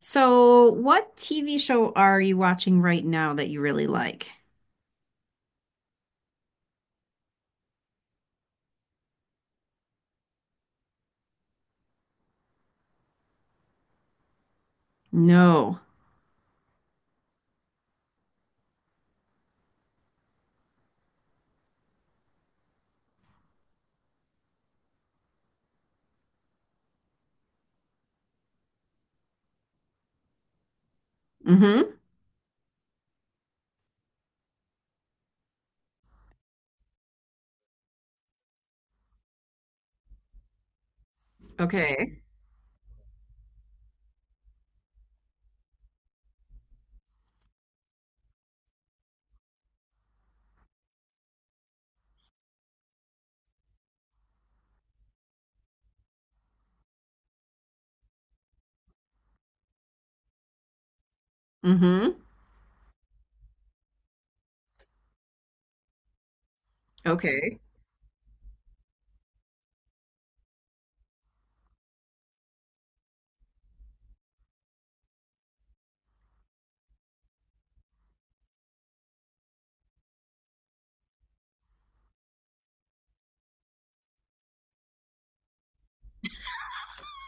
So, what TV show are you watching right now that you really like? No. Mm-hmm. Okay. Mm-hmm. Okay.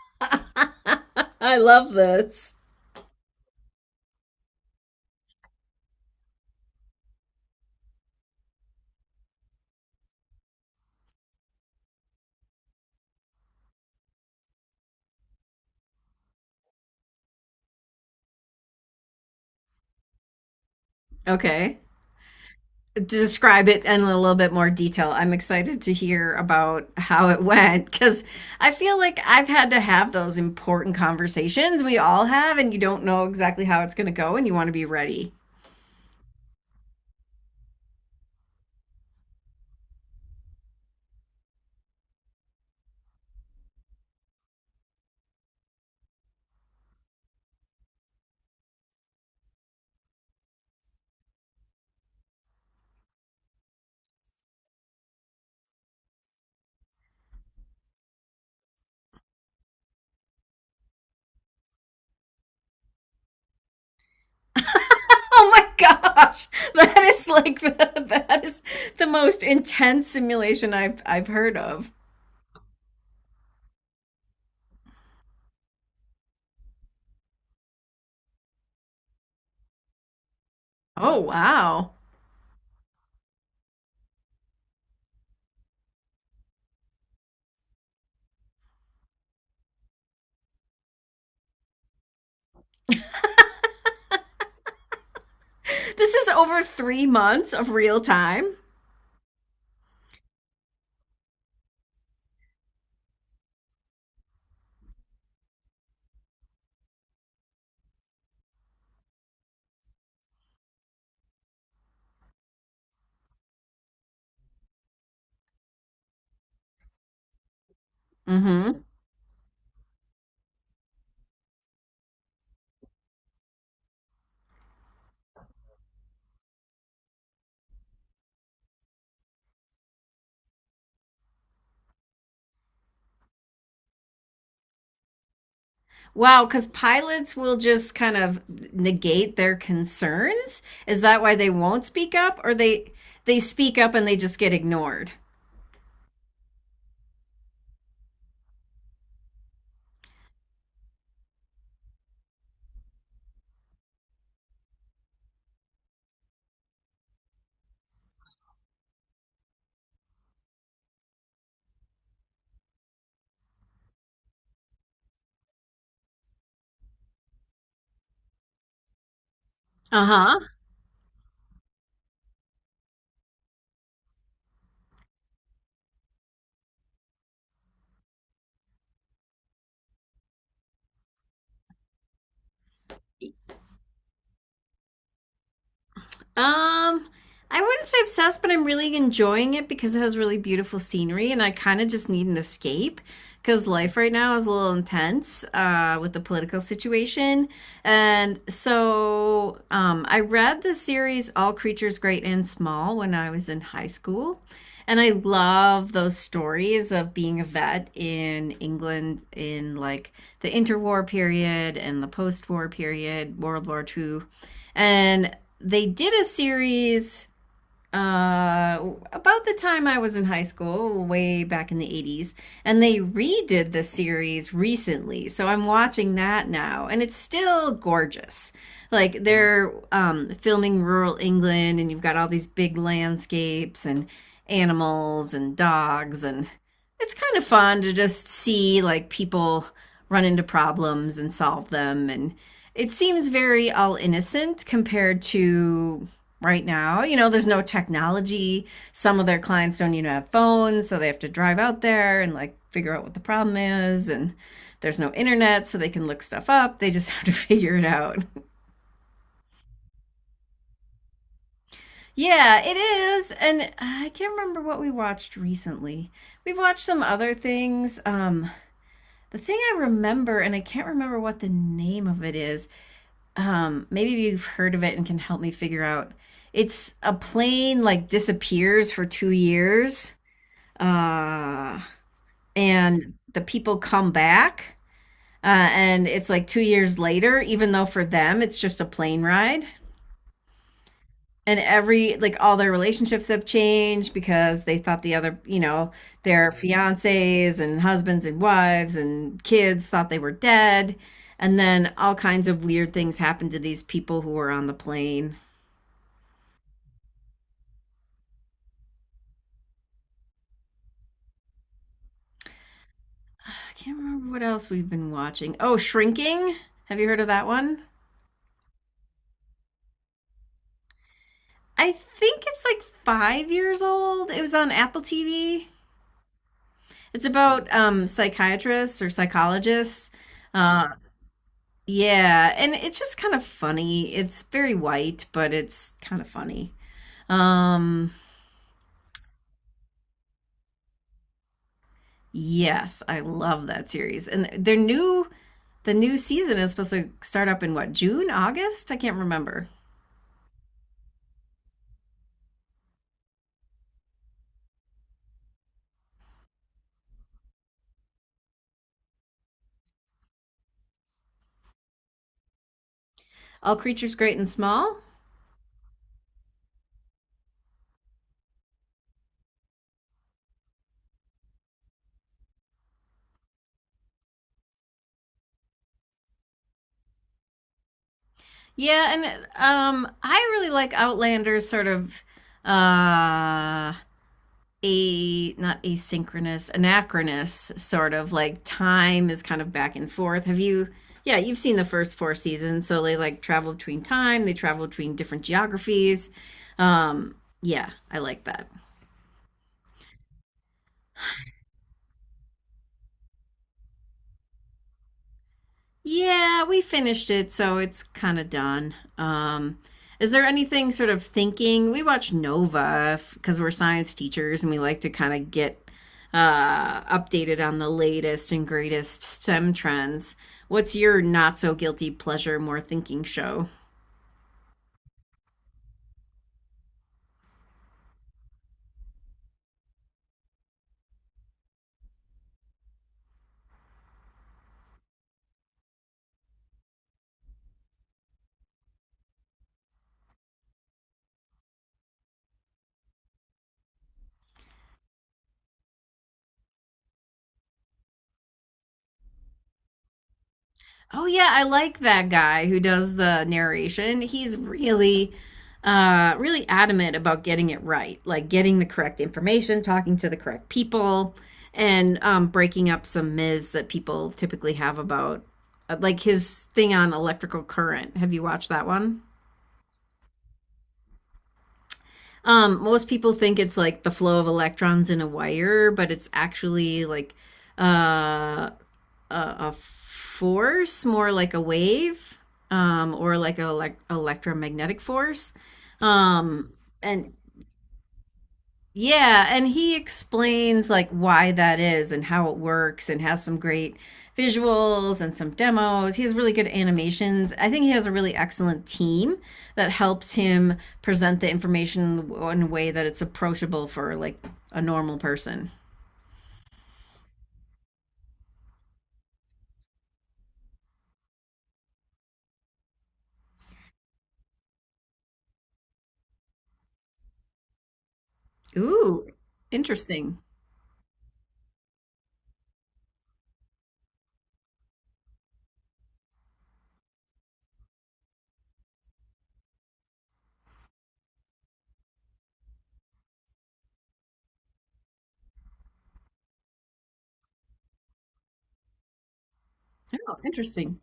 I love this. Okay. Describe it in a little bit more detail. I'm excited to hear about how it went, because I feel like I've had to have those important conversations we all have, and you don't know exactly how it's going to go, and you want to be ready. Oh my gosh, that is like the that is the most intense simulation I've heard of. Oh wow, this is over 3 months of real time. Hmm. Wow, because pilots will just kind of negate their concerns. Is that why they won't speak up, or they speak up and they just get ignored? Uh huh. Um, I wouldn't say obsessed, but I'm really enjoying it because it has really beautiful scenery, and I kind of just need an escape because life right now is a little intense with the political situation. And so I read the series All Creatures Great and Small when I was in high school. And I love those stories of being a vet in England in like the interwar period and the post war period, World War Two, and they did a series uh, about the time I was in high school, way back in the 80s, and they redid the series recently. So I'm watching that now, and it's still gorgeous. Like they're filming rural England, and you've got all these big landscapes and animals and dogs, and it's kind of fun to just see like people run into problems and solve them. And it seems very all innocent compared to right now. You know, there's no technology. Some of their clients don't even have phones, so they have to drive out there and like figure out what the problem is. And there's no internet, so they can look stuff up. They just have to figure it out. Yeah, it is. And I can't remember what we watched recently. We've watched some other things. The thing I remember, and I can't remember what the name of it is. Maybe you've heard of it and can help me figure out. It's a plane like disappears for 2 years. Uh, and the people come back, and it's like 2 years later, even though for them it's just a plane ride. And every, like, all their relationships have changed because they thought the other, you know, their fiancés and husbands and wives and kids thought they were dead. And then all kinds of weird things happen to these people who were on the plane. I can't remember what else we've been watching. Oh, Shrinking. Have you heard of that one? I think it's like 5 years old. It was on Apple TV. It's about psychiatrists or psychologists. Uh, yeah, and it's just kind of funny. It's very white, but it's kind of funny. Um, yes, I love that series. And their new season is supposed to start up in what, June, August? I can't remember. All creatures great and small. Yeah, and I really like Outlander's sort of uh a not asynchronous, anachronous sort of like time is kind of back and forth. Have you? Yeah, you've seen the first four seasons, so they like travel between time. They travel between different geographies. Um, yeah, I like that. Yeah, we finished it, so it's kind of done. Is there anything sort of thinking? We watch Nova because we're science teachers and we like to kind of get updated on the latest and greatest STEM trends. What's your not so guilty pleasure, more thinking show? Oh yeah, I like that guy who does the narration. He's really adamant about getting it right, like getting the correct information, talking to the correct people, and breaking up some myths that people typically have about like his thing on electrical current. Have you watched that one? Most people think it's like the flow of electrons in a wire, but it's actually like uh a force, more like a wave, or like an electromagnetic force. Um, and yeah, and he explains like why that is and how it works and has some great visuals and some demos. He has really good animations. I think he has a really excellent team that helps him present the information in a way that it's approachable for like a normal person. Ooh, interesting. Oh, interesting.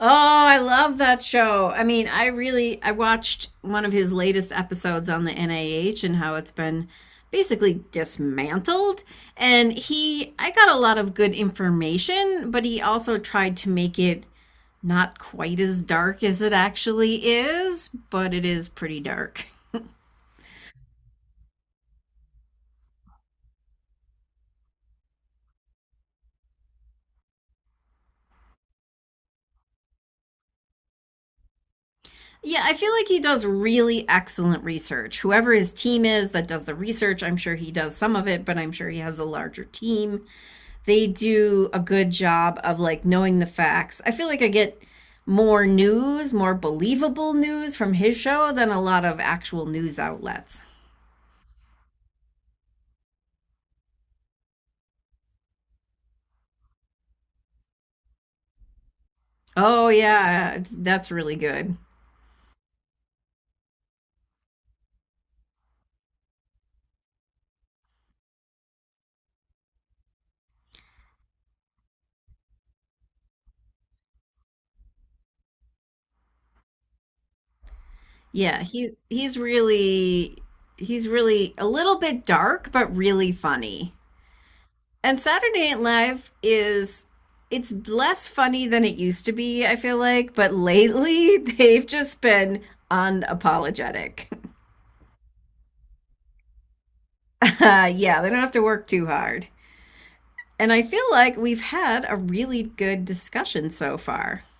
Oh, I love that show. I mean, I really I watched one of his latest episodes on the NIH and how it's been basically dismantled, and he I got a lot of good information, but he also tried to make it not quite as dark as it actually is, but it is pretty dark. Yeah, I feel like he does really excellent research. Whoever his team is that does the research, I'm sure he does some of it, but I'm sure he has a larger team. They do a good job of like knowing the facts. I feel like I get more news, more believable news from his show than a lot of actual news outlets. Oh yeah, that's really good. Yeah, he's really a little bit dark but really funny. And Saturday Night Live is it's less funny than it used to be, I feel like, but lately they've just been unapologetic. Yeah, they don't have to work too hard. And I feel like we've had a really good discussion so far.